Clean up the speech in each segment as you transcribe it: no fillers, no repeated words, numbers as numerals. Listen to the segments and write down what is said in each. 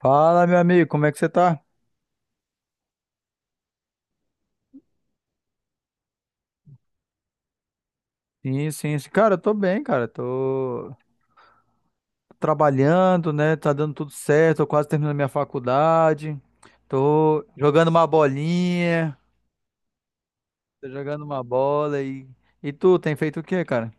Fala, meu amigo, como é que você tá? Sim, sim, sim. Cara, eu tô bem, cara. Tô trabalhando, né? Tá dando tudo certo. Tô quase terminando minha faculdade. Tô jogando uma bolinha. Tô jogando uma bola e. E tu, tem feito o quê, cara?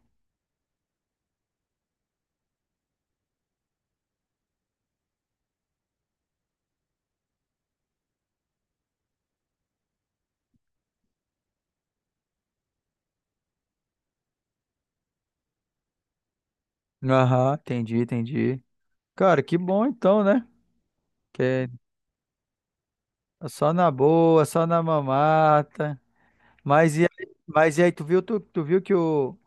Aham, entendi, entendi. Cara, que bom então, né? Que é só na boa, só na mamata. Mas e aí, tu viu, tu viu que o.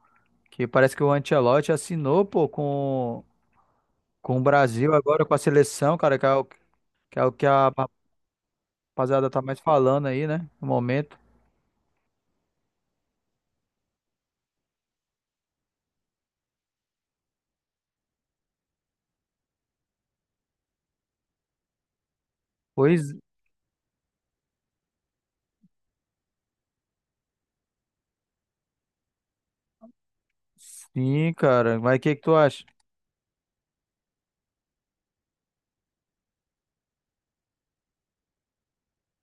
Que parece que o Ancelotti assinou, pô, com. Com o Brasil agora, com a seleção, cara, que é o que, é o que a rapaziada tá mais falando aí, né? No momento. Pois sim, cara. Mas o que que tu acha?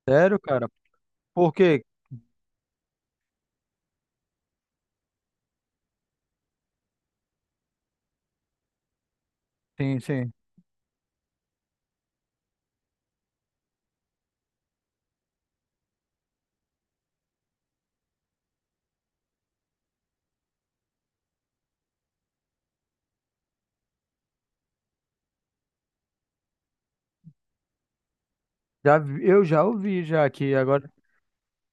Sério, cara? Por quê? Sim, sim. Já, eu já ouvi já que agora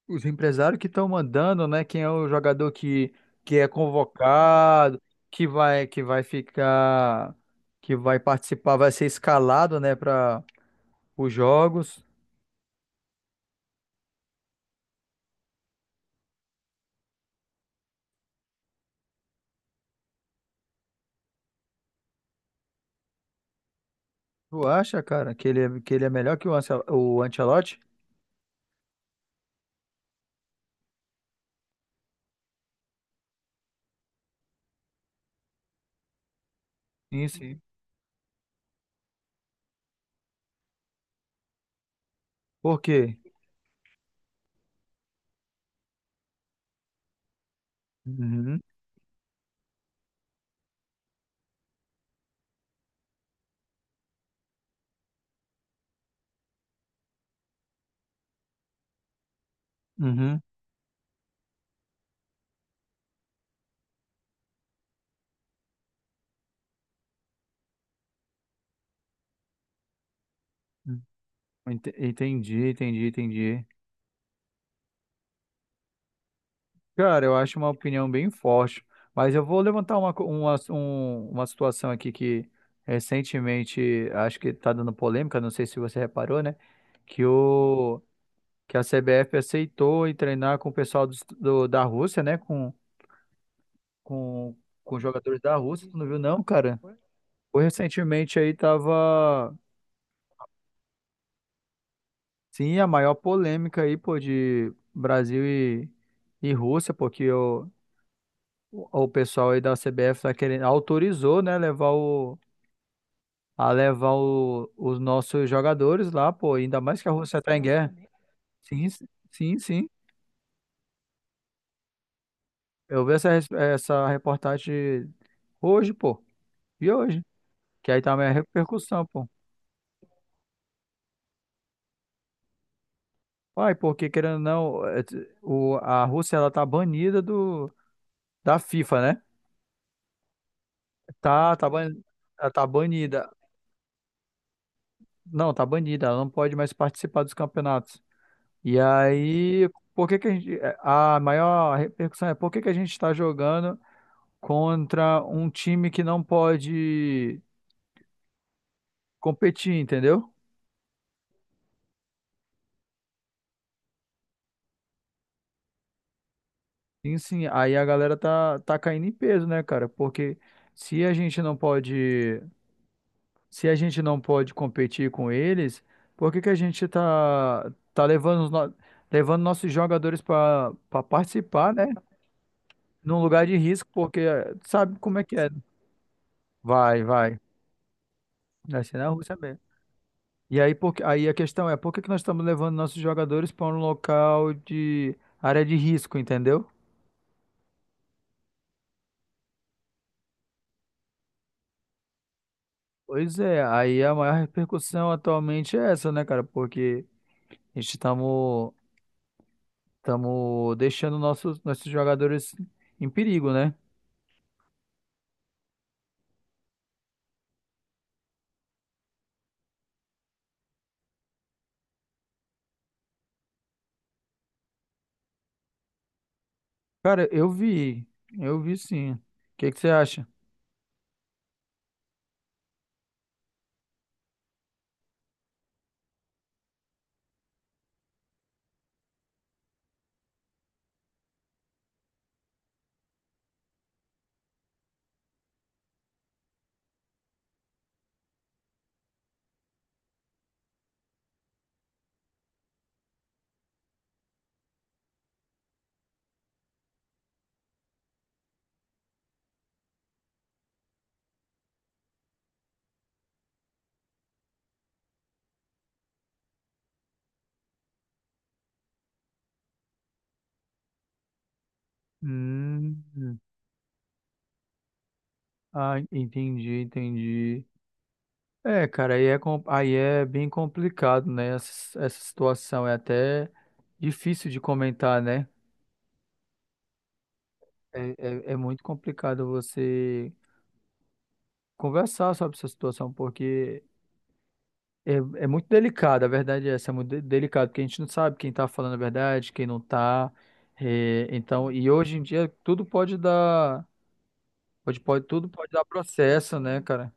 os empresários que estão mandando, né? Quem é o jogador que é convocado, que vai ficar, que vai participar, vai ser escalado, né, para os jogos. Tu acha, cara, que ele, que ele é melhor que o, o Ancelotti? Sim, sim. Por quê? Uhum, uhum. Hum, Entendi, entendi, entendi. Cara, eu acho uma opinião bem forte, mas eu vou levantar uma, uma, uma situação aqui que recentemente acho que está dando polêmica, não sei se você reparou, né? Que, o, que a CBF aceitou em treinar com o pessoal do, da Rússia, né? Com, com jogadores da Rússia, tu não viu não, cara? Foi recentemente aí tava. Sim, a maior polêmica aí, pô, de Brasil e Rússia, porque o, o pessoal aí da CBF tá querendo, autorizou, né, levar o, a levar os nossos jogadores lá, pô, ainda mais que a Rússia tá em guerra. Sim, sim, sim. Eu vi essa, essa reportagem hoje, pô, e hoje, que aí tá a repercussão, pô. Uai, porque querendo ou não, é, o, a Rússia, ela tá banida do, da FIFA, né? Tá, tá, ela tá banida. Não, tá banida, ela não pode mais participar dos campeonatos. E aí, por que que a gente, é, a maior repercussão é por que que a gente está jogando contra um time que não pode competir, entendeu? Sim, sim, aí a galera tá, tá caindo em peso, né, cara? Porque se a gente não pode, se a gente não pode competir com eles, por que que a gente tá, tá levando os levando nossos jogadores para participar, né? Num lugar de risco, porque sabe como é que é, vai, vai. Vai ser na Rússia mesmo. E aí, por, aí a questão é, por que que nós estamos levando nossos jogadores para um local de área de risco, entendeu? Pois é, aí a maior repercussão atualmente é essa, né, cara? Porque a gente estamos deixando nossos, nossos jogadores em perigo, né? Cara, eu vi sim. O que que você acha? Hum, ah, entendi, entendi. É, cara, aí é, aí é bem complicado, né? Essa situação é até difícil de comentar, né? É, é, é muito complicado você conversar sobre essa situação, porque é, é muito delicado, a verdade é essa, é muito delicado, porque a gente não sabe quem tá falando a verdade, quem não tá. É, então, e hoje em dia tudo pode dar, pode, pode, tudo pode dar processo, né, cara?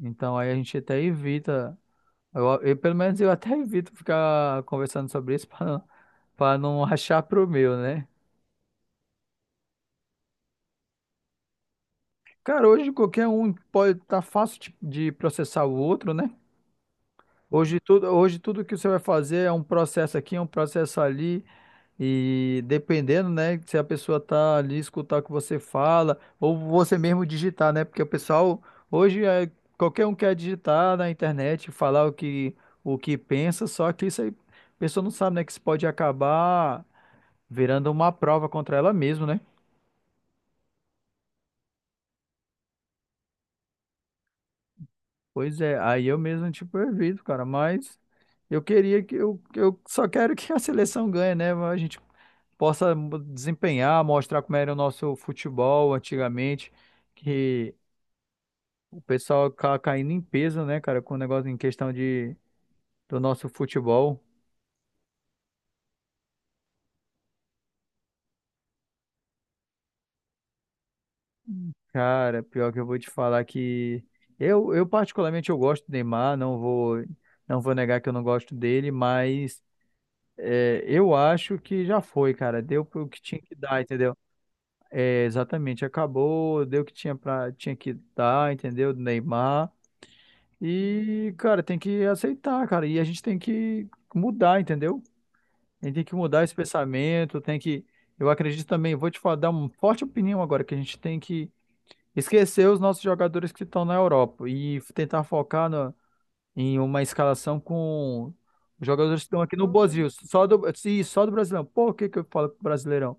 Então aí a gente até evita. Pelo menos eu até evito ficar conversando sobre isso pra não achar pro meu, né? Cara, hoje qualquer um pode estar fácil de processar o outro, né? Hoje tudo que você vai fazer é um processo aqui, é um processo ali, e dependendo, né, se a pessoa tá ali escutar o que você fala, ou você mesmo digitar, né? Porque o pessoal hoje é, qualquer um quer digitar na internet, falar o que pensa, só que isso aí a pessoa não sabe, né, que isso pode acabar virando uma prova contra ela mesma, né? Pois é, aí eu mesmo, tipo, evito, cara, mas eu queria que eu só quero que a seleção ganhe, né? A gente possa desempenhar, mostrar como era o nosso futebol antigamente, que o pessoal caindo em peso, né, cara, com o negócio em questão de, do nosso futebol. Cara, pior que eu vou te falar que eu particularmente eu gosto do Neymar, não vou negar que eu não gosto dele, mas é, eu acho que já foi, cara, deu pro que tinha que dar, entendeu? É, exatamente, acabou, deu o que tinha pra, tinha que dar, entendeu? Do Neymar. E, cara, tem que aceitar, cara. E a gente tem que mudar, entendeu? A gente tem que mudar esse pensamento, tem que. Eu acredito também, vou te falar, dar uma forte opinião agora, que a gente tem que esquecer os nossos jogadores que estão na Europa e tentar focar em uma escalação com os jogadores que estão aqui no Brasil, só do, sim, só do Brasileirão. Por que que eu falo Brasileirão?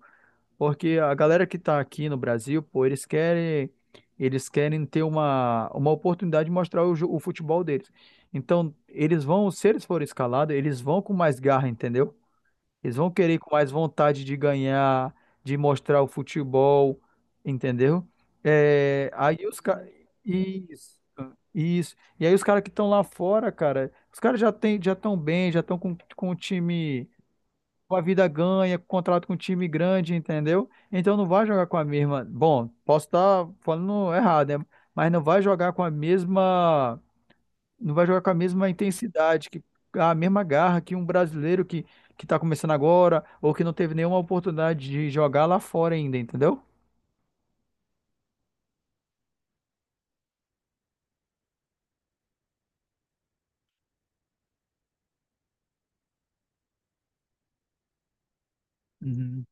Porque a galera que tá aqui no Brasil, pô, eles querem ter uma oportunidade de mostrar o, o futebol deles. Então, eles vão, se eles forem escalados, eles vão com mais garra, entendeu? Eles vão querer ir com mais vontade de ganhar, de mostrar o futebol, entendeu? É, aí os caras. Isso, isso. E aí os caras que estão lá fora, cara, os caras já têm, já estão bem, já estão com o time com a vida ganha, com contrato com um time grande, entendeu? Então não vai jogar com a mesma. Bom, posso estar falando errado, né? Mas não vai jogar com a mesma. Não vai jogar com a mesma intensidade, que a mesma garra que um brasileiro que está começando agora ou que não teve nenhuma oportunidade de jogar lá fora ainda, entendeu? Uhum,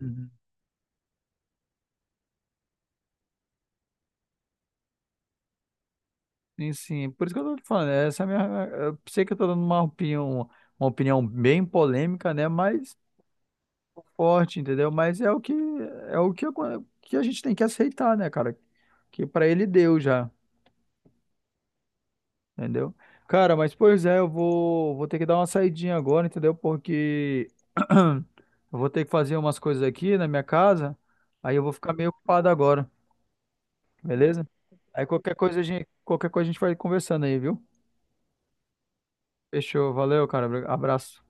uhum. Sim, sim. Por isso que eu tô te falando, essa é a minha. Eu sei que eu tô dando uma opinião bem polêmica, né? Mas forte, entendeu? Mas é o que que a gente tem que aceitar, né, cara? Que pra ele deu já, entendeu? Cara, mas pois é, eu vou vou ter que dar uma saidinha agora, entendeu? Porque eu vou ter que fazer umas coisas aqui na minha casa, aí eu vou ficar meio ocupado agora, beleza? Aí qualquer coisa a gente vai conversando aí, viu? Fechou, valeu, cara. Abraço.